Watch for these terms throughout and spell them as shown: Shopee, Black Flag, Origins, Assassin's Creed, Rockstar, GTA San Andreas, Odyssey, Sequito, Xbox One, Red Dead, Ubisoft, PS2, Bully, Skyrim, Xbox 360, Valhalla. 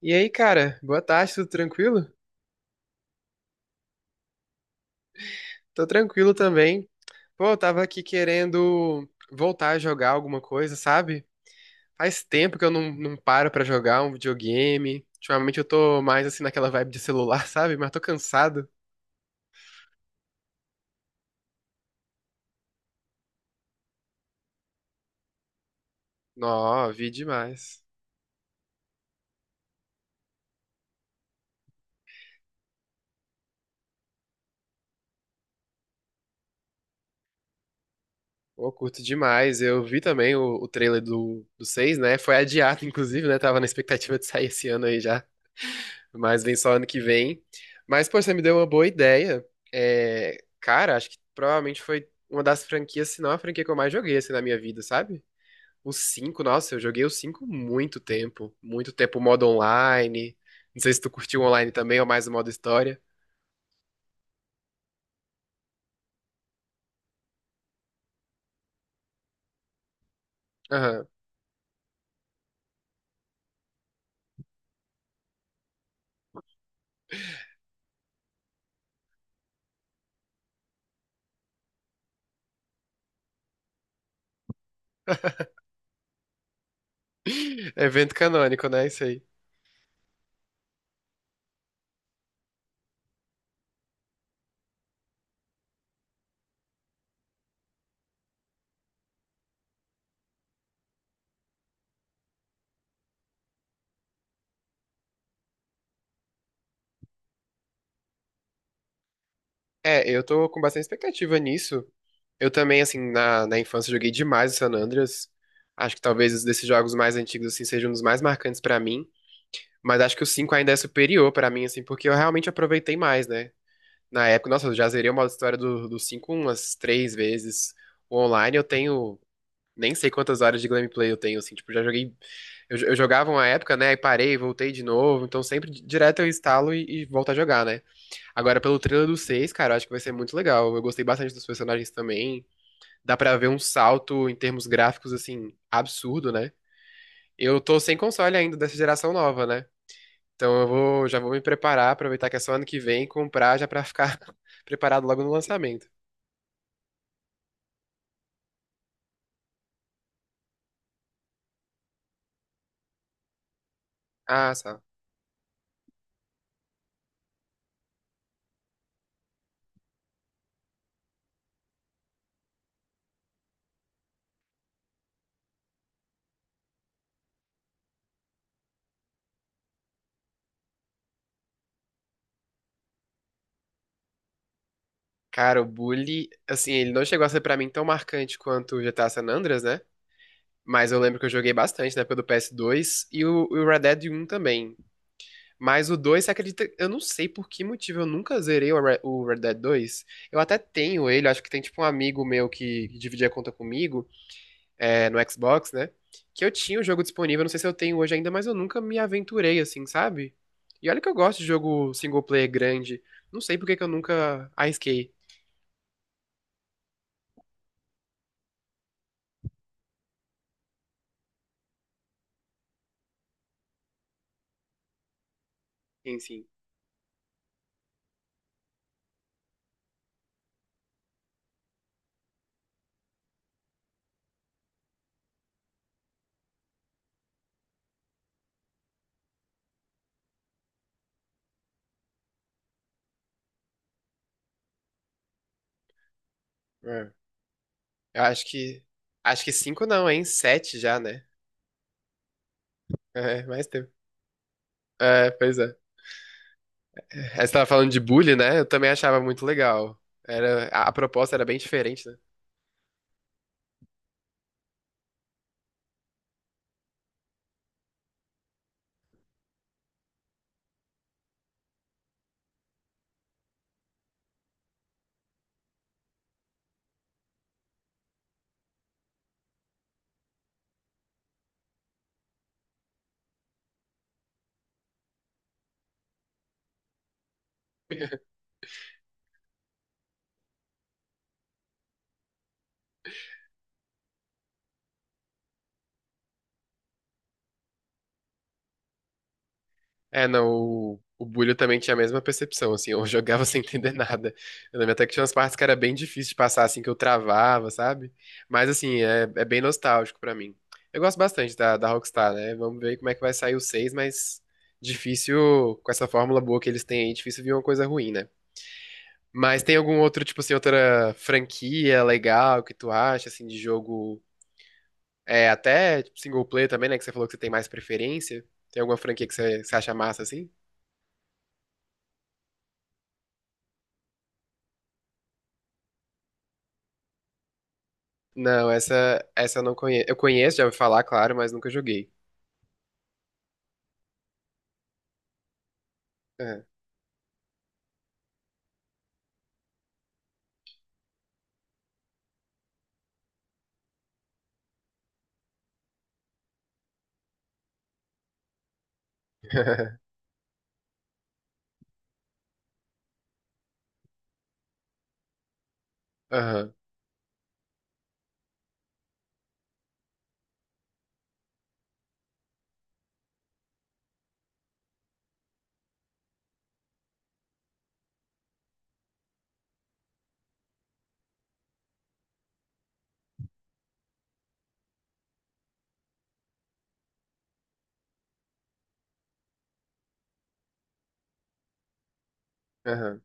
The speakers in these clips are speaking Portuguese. E aí, cara, boa tarde, tudo tranquilo? Tô tranquilo também. Pô, eu tava aqui querendo voltar a jogar alguma coisa, sabe? Faz tempo que eu não paro pra jogar um videogame. Ultimamente eu tô mais assim naquela vibe de celular, sabe? Mas tô cansado. Nó, vi demais. Pô, curto demais. Eu vi também o trailer do 6, né? Foi adiado, inclusive, né? Tava na expectativa de sair esse ano aí já. Mas vem só ano que vem. Mas, pô, você me deu uma boa ideia. É, cara, acho que provavelmente foi uma das franquias, se não a franquia que eu mais joguei, assim, na minha vida, sabe? O 5, nossa, eu joguei o 5 muito tempo. Muito tempo, o modo online. Não sei se tu curtiu o online também, ou mais o modo história. Aham. Evento canônico, né? Isso aí. É, eu tô com bastante expectativa nisso. Eu também, assim, na infância joguei demais o San Andreas. Acho que talvez os desses jogos mais antigos, assim, seja um dos mais marcantes pra mim. Mas acho que o 5 ainda é superior pra mim, assim, porque eu realmente aproveitei mais, né? Na época, nossa, eu já zerei o modo história do 5 umas três vezes. O online eu tenho nem sei quantas horas de gameplay eu tenho, assim, tipo, já joguei. Eu jogava uma época, né? E parei, voltei de novo. Então sempre direto eu instalo e volto a jogar, né? Agora, pelo trailer do 6 cara, eu acho que vai ser muito legal. Eu gostei bastante dos personagens também. Dá pra ver um salto em termos gráficos, assim, absurdo, né? Eu tô sem console ainda dessa geração nova, né? Então eu vou, já vou me preparar, aproveitar que é só ano que vem, comprar já pra ficar preparado logo no lançamento. Ah, só. Cara, o Bully, assim, ele não chegou a ser pra mim tão marcante quanto o GTA San Andreas, né? Mas eu lembro que eu joguei bastante na época do PS2 e o Red Dead um também. Mas o 2, você acredita? Eu não sei por que motivo eu nunca zerei o o Red Dead dois. Eu até tenho ele, acho que tem tipo um amigo meu que dividia a conta comigo. É, no Xbox, né? Que eu tinha o jogo disponível, não sei se eu tenho hoje ainda, mas eu nunca me aventurei assim, sabe? E olha que eu gosto de jogo single player grande. Não sei por que que eu nunca arrisquei, enfim. É. Eu acho que. Acho que cinco não, hein? Sete já, né? É, mais tempo. É, pois é. É, você tava falando de bullying, né? Eu também achava muito legal. Era, a proposta era bem diferente, né? É, não, o Bulho também tinha a mesma percepção, assim, eu jogava sem entender nada. Eu lembro até que tinha umas partes que era bem difícil de passar, assim, que eu travava, sabe? Mas, assim, é bem nostálgico pra mim. Eu gosto bastante da, da Rockstar, né? Vamos ver como é que vai sair o 6, mas difícil, com essa fórmula boa que eles têm aí, difícil vir uma coisa ruim, né? Mas tem algum outro, tipo assim, outra franquia legal que tu acha, assim, de jogo, é, até tipo, single player também, né, que você falou que você tem mais preferência? Tem alguma franquia que você acha massa, assim? Não, essa eu não conheço. Eu conheço, já ouvi falar, claro, mas nunca joguei. É. Aham, aham.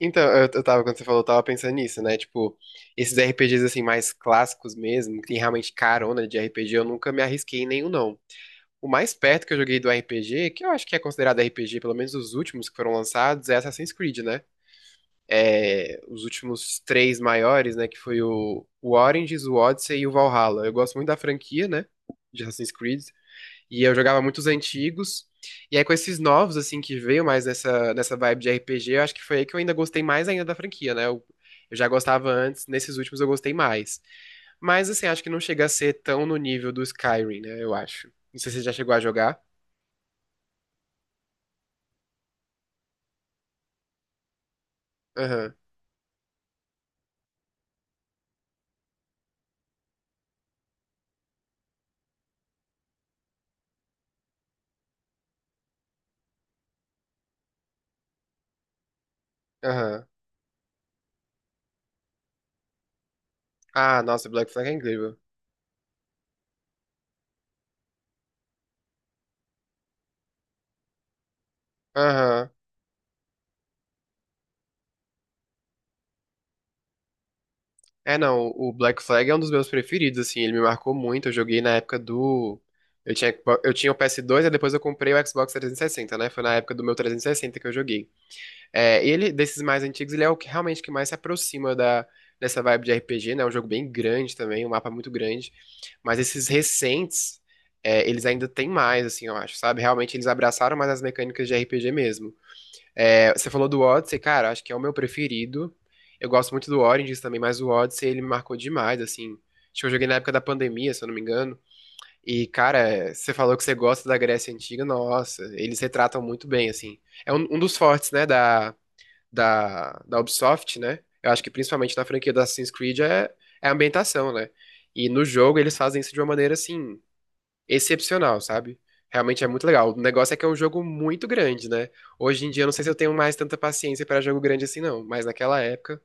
Então, eu tava, quando você falou, eu tava pensando nisso, né? Tipo, esses RPGs assim, mais clássicos mesmo, que tem realmente carona de RPG, eu nunca me arrisquei em nenhum, não. O mais perto que eu joguei do RPG, que eu acho que é considerado RPG, pelo menos os últimos que foram lançados, é Assassin's Creed, né? É, os últimos três maiores, né? Que foi o Origins, o Odyssey e o Valhalla. Eu gosto muito da franquia, né? De Assassin's Creed. E eu jogava muitos antigos. E aí, com esses novos, assim, que veio mais nessa vibe de RPG, eu acho que foi aí que eu ainda gostei mais ainda da franquia, né? Eu já gostava antes, nesses últimos eu gostei mais. Mas, assim, acho que não chega a ser tão no nível do Skyrim, né? Eu acho. Não sei se você já chegou a jogar. Aham, aham. Ah, nossa, Black Flag é incrível. Aham. É, não, o Black Flag é um dos meus preferidos, assim, ele me marcou muito. Eu joguei na época do. Eu tinha, eu tinha o PS2 e depois eu comprei o Xbox 360, né? Foi na época do meu 360 que eu joguei. É, ele, desses mais antigos, ele é o que realmente que mais se aproxima da, dessa vibe de RPG, né? É um jogo bem grande também, um mapa muito grande. Mas esses recentes, é, eles ainda têm mais, assim, eu acho, sabe? Realmente eles abraçaram mais as mecânicas de RPG mesmo. É, você falou do Odyssey, cara, acho que é o meu preferido. Eu gosto muito do Origins também, mas o Odyssey ele me marcou demais, assim. Acho que eu joguei na época da pandemia, se eu não me engano. E, cara, você falou que você gosta da Grécia Antiga, nossa, eles retratam muito bem, assim. É um, um dos fortes, né, da, da Ubisoft, né? Eu acho que principalmente na franquia do Assassin's Creed é, é a ambientação, né? E no jogo eles fazem isso de uma maneira, assim, excepcional, sabe? Realmente é muito legal. O negócio é que é um jogo muito grande, né? Hoje em dia eu não sei se eu tenho mais tanta paciência para jogo grande assim, não. Mas naquela época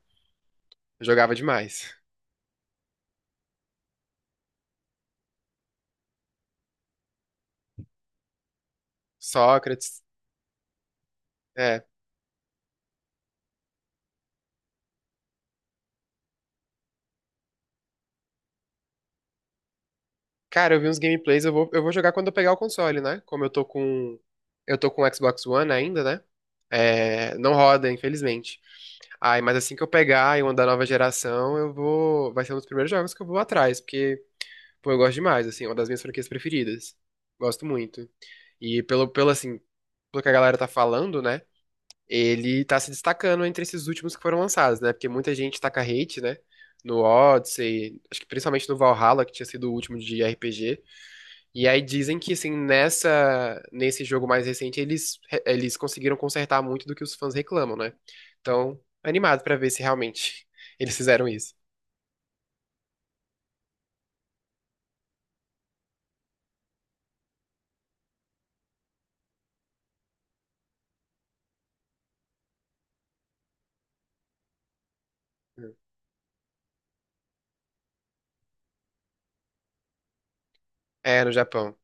eu jogava demais. Sócrates, é. Cara, eu vi uns gameplays, eu vou jogar quando eu pegar o console, né? Como eu tô com. Eu tô com o Xbox One ainda, né? É, não roda, infelizmente. Ai, mas assim que eu pegar e uma da nova geração, eu vou. Vai ser um dos primeiros jogos que eu vou atrás, porque, pô, eu gosto demais, assim, é uma das minhas franquias preferidas. Gosto muito. E pelo, pelo assim, pelo que a galera tá falando, né? Ele tá se destacando entre esses últimos que foram lançados, né? Porque muita gente taca hate, né? No Odyssey, acho que principalmente no Valhalla, que tinha sido o último de RPG. E aí dizem que assim, nessa nesse jogo mais recente eles conseguiram consertar muito do que os fãs reclamam, né? Então, animado pra ver se realmente eles fizeram isso. É, no Japão.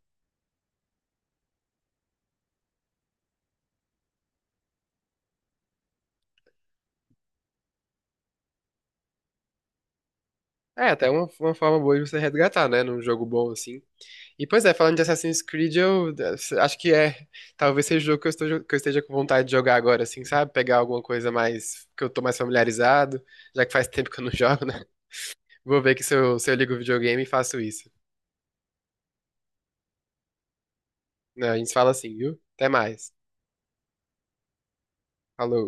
É, até uma forma boa de você resgatar, né? Num jogo bom assim. E pois é, falando de Assassin's Creed, eu, acho que é. Talvez seja o jogo que eu esteja com vontade de jogar agora, assim, sabe? Pegar alguma coisa mais. Que eu tô mais familiarizado, já que faz tempo que eu não jogo, né? Vou ver que se eu, se eu ligo o videogame e faço isso. Né, a gente fala assim, viu? Até mais. Falou.